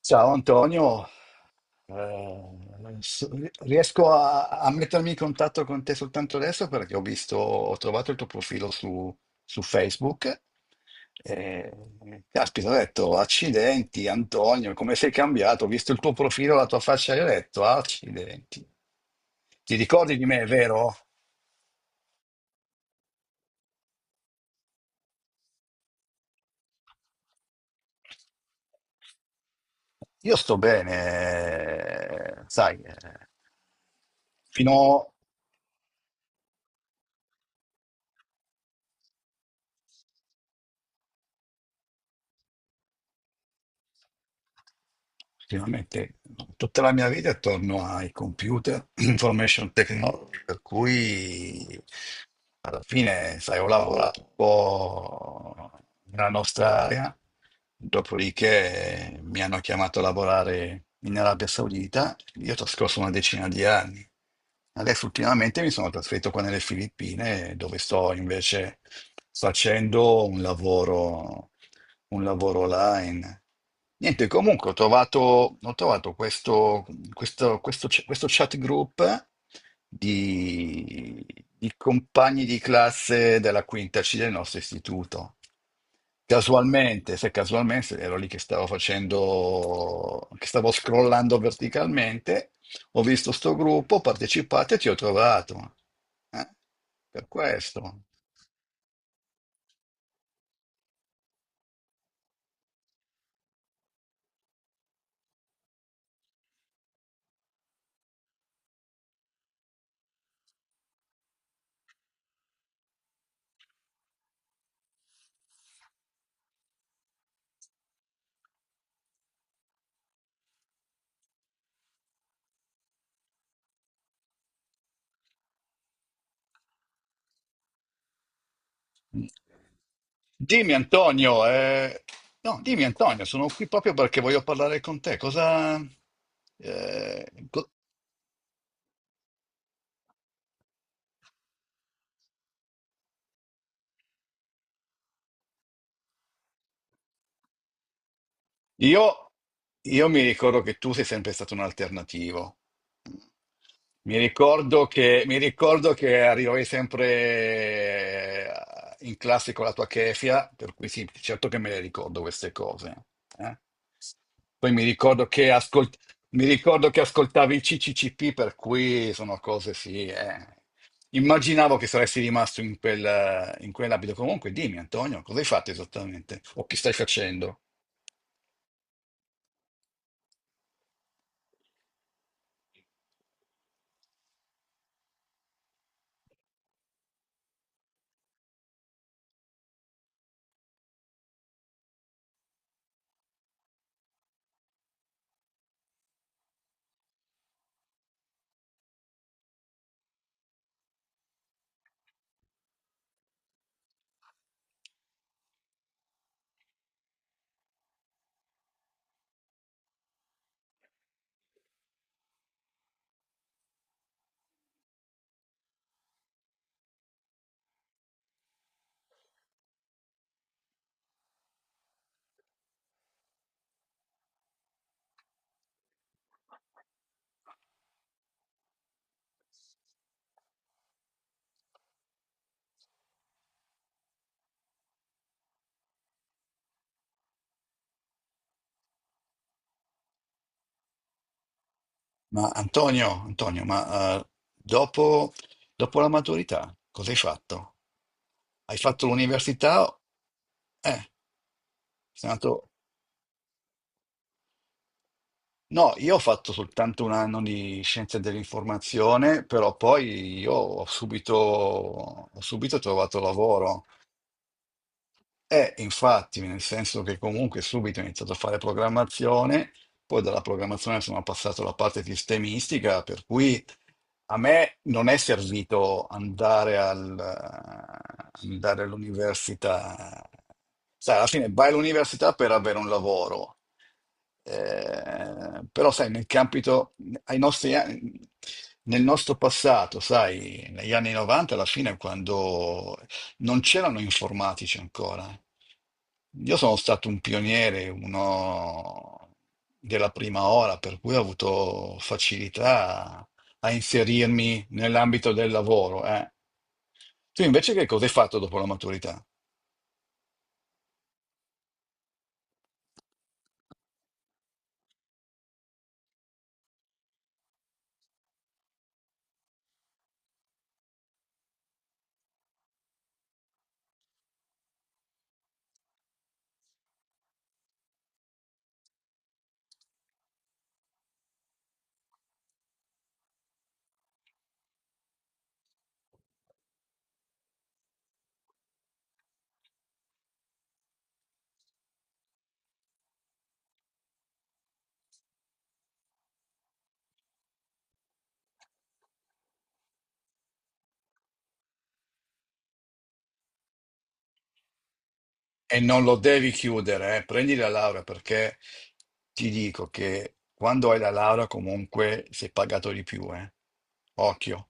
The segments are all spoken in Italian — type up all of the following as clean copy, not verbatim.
Ciao Antonio. Eh, s- Riesco a mettermi in contatto con te soltanto adesso perché ho visto, ho trovato il tuo profilo su, su Facebook. E, caspita, ho detto, accidenti Antonio, come sei cambiato? Ho visto il tuo profilo, la tua faccia e ho detto, accidenti. Ti ricordi di me, vero? Io sto bene, sai, fino, effettivamente, tutta la mia vita è attorno ai computer, information technology, per cui alla fine, sai, ho lavorato un po' nella nostra area, dopodiché mi hanno chiamato a lavorare in Arabia Saudita, io ho trascorso una decina di anni. Adesso ultimamente mi sono trasferito qua nelle Filippine, dove sto invece facendo un lavoro online. Niente, comunque ho trovato questo chat group di, di compagni di classe della quinta C del nostro istituto. Casualmente, se casualmente ero lì che stavo facendo, che stavo scrollando verticalmente, ho visto sto gruppo, ho partecipato e ti ho trovato. Eh, per questo. Dimmi Antonio, no, dimmi Antonio, sono qui proprio perché voglio parlare con te. Eh, co- Io, io mi ricordo che tu sei sempre stato un alternativo. Mi ricordo che arrivavi sempre in classe con la tua kefia, per cui sì, certo che me le ricordo queste cose. eh. Poi mi ricordo che ascoltavi il CCCP, per cui sono cose sì. Immaginavo che saresti rimasto in quell'abito. Comunque, dimmi, Antonio, cosa hai fatto esattamente? O che stai facendo? Ma Antonio, Antonio, dopo, dopo la maturità cosa hai fatto? Hai fatto l'università? Eh, sei andato... No, io ho fatto soltanto un anno di scienze dell'informazione, però poi io ho subito trovato lavoro. Infatti, nel senso che comunque subito ho iniziato a fare programmazione, poi dalla programmazione sono passato alla parte sistemistica, per cui a me non è servito andare all'università. Sai, alla fine vai all'università per avere un lavoro. Però, sai, nel campito, ai nostri anni- nel nostro passato, sai, negli anni 90, alla fine, quando non c'erano informatici ancora. Io sono stato un pioniere, uno della prima ora, per cui ho avuto facilità a inserirmi nell'ambito del lavoro. Tu invece che cosa hai fatto dopo la maturità? E non lo devi chiudere, eh. Prendi la laurea perché ti dico che quando hai la laurea comunque sei pagato di più, eh. Occhio.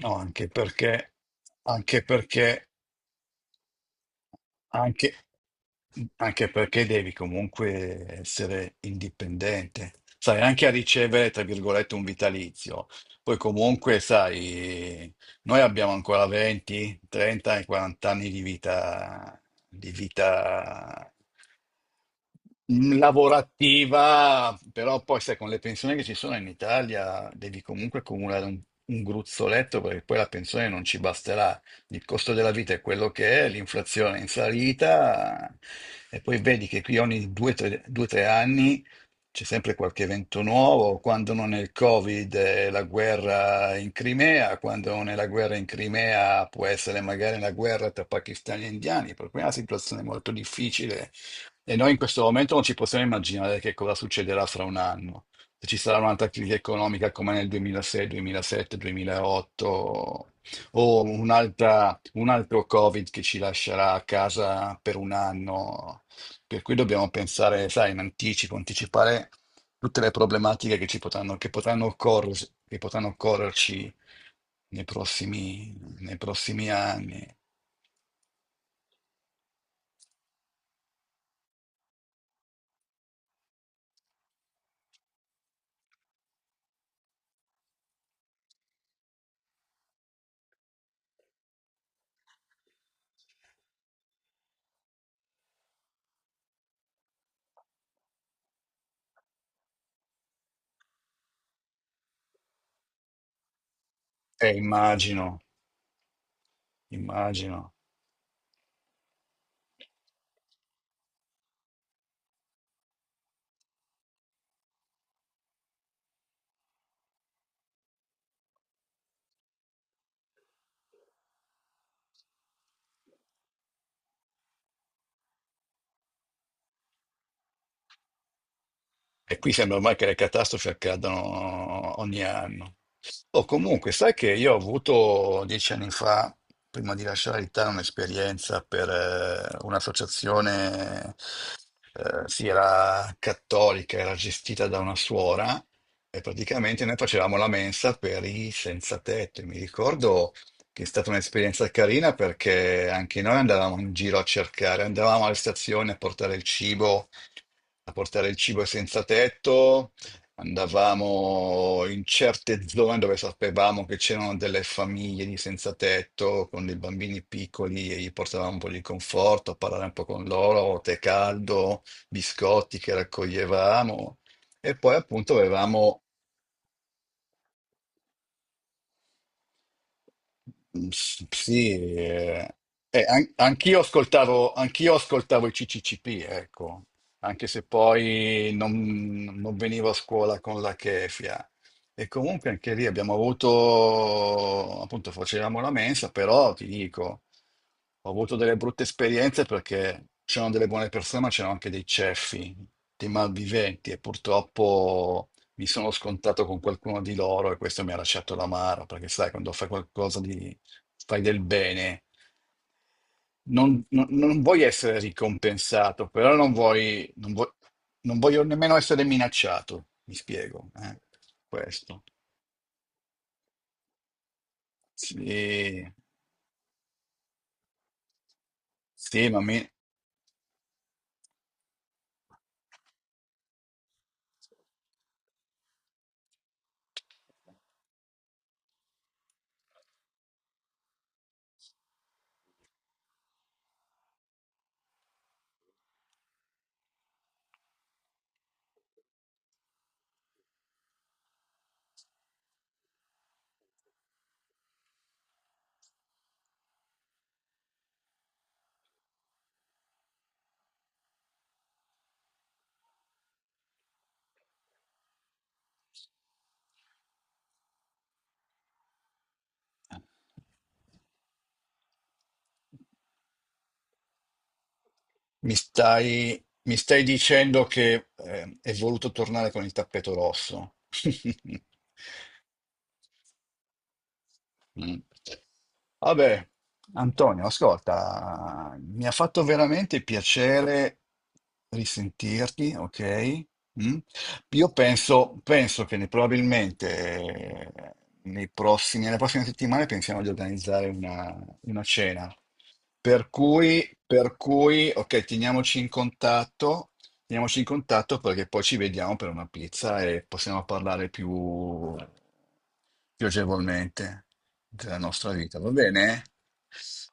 No, anche perché, anche perché Anche, mhmm, anche perché devi comunque essere indipendente, sai, anche a ricevere, tra virgolette, un vitalizio. Poi comunque, sai, noi abbiamo ancora 20, 30 e 40 anni di vita, di vita lavorativa, però poi sai, con le pensioni che ci sono in Italia devi comunque accumulare un gruzzoletto perché poi la pensione non ci basterà, il costo della vita è quello che è, l'inflazione è in salita e poi vedi che qui ogni due, tre anni c'è sempre qualche evento nuovo, quando non è il Covid è la guerra in Crimea, quando non è la guerra in Crimea può essere magari la guerra tra pakistani e indiani, per cui è una situazione molto difficile e noi in questo momento non ci possiamo immaginare che cosa succederà fra un anno. Se ci sarà un'altra crisi economica come nel 2006, 2007, 2008, o un altro Covid che ci lascerà a casa per un anno. Per cui dobbiamo pensare, sai, in anticipo, anticipare tutte le problematiche che ci potranno, che potranno occor- che potranno occorrerci nei prossimi, nei prossimi anni. Immagino, immagino. E qui sembra ormai che le catastrofi accadano ogni anno. Oh, comunque, sai che io ho avuto 10 anni fa, prima di lasciare l'Italia, un'esperienza per un'associazione, sì, era cattolica, era gestita da una suora e praticamente noi facevamo la mensa per i senza tetto. E mi ricordo che è stata un'esperienza carina perché anche noi andavamo in giro a cercare, andavamo alle stazioni a portare il cibo, a portare il cibo ai senza tetto. Andavamo in certe zone dove sapevamo che c'erano delle famiglie di senza tetto con dei bambini piccoli e gli portavamo un po' di conforto a parlare un po' con loro, tè caldo, biscotti che raccoglievamo e poi appunto avevamo, mm, s- sì, anch'io ascoltavo i CCCP, ecco, anche se poi non venivo a scuola con la chefia. E comunque anche lì abbiamo avuto, appunto facevamo la mensa, però ti dico, ho avuto delle brutte esperienze perché c'erano delle buone persone, ma c'erano anche dei ceffi, dei malviventi e purtroppo mi sono scontato con qualcuno di loro e questo mi ha lasciato l'amaro, perché sai, quando fai fai del bene, non vuoi essere ricompensato, però non vuoi, non voglio nemmeno essere minacciato, mi spiego, questo. Sì, sì, mi stai dicendo che è voluto tornare con il tappeto rosso. Mm. Vabbè, Antonio, ascolta, mi ha fatto veramente piacere risentirti, ok? Mm? Io penso, penso probabilmente nelle prossime settimane pensiamo di organizzare una cena. Per cui, ok, teniamoci in contatto perché poi ci vediamo per una pizza e possiamo parlare più piacevolmente della nostra vita, va bene?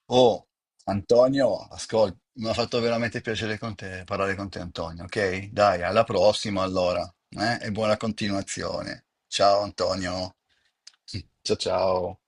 Oh, Antonio, ascolta, mi ha fatto veramente piacere parlare con te, Antonio, ok? Dai, alla prossima allora, eh? E buona continuazione. Ciao Antonio. Ciao ciao.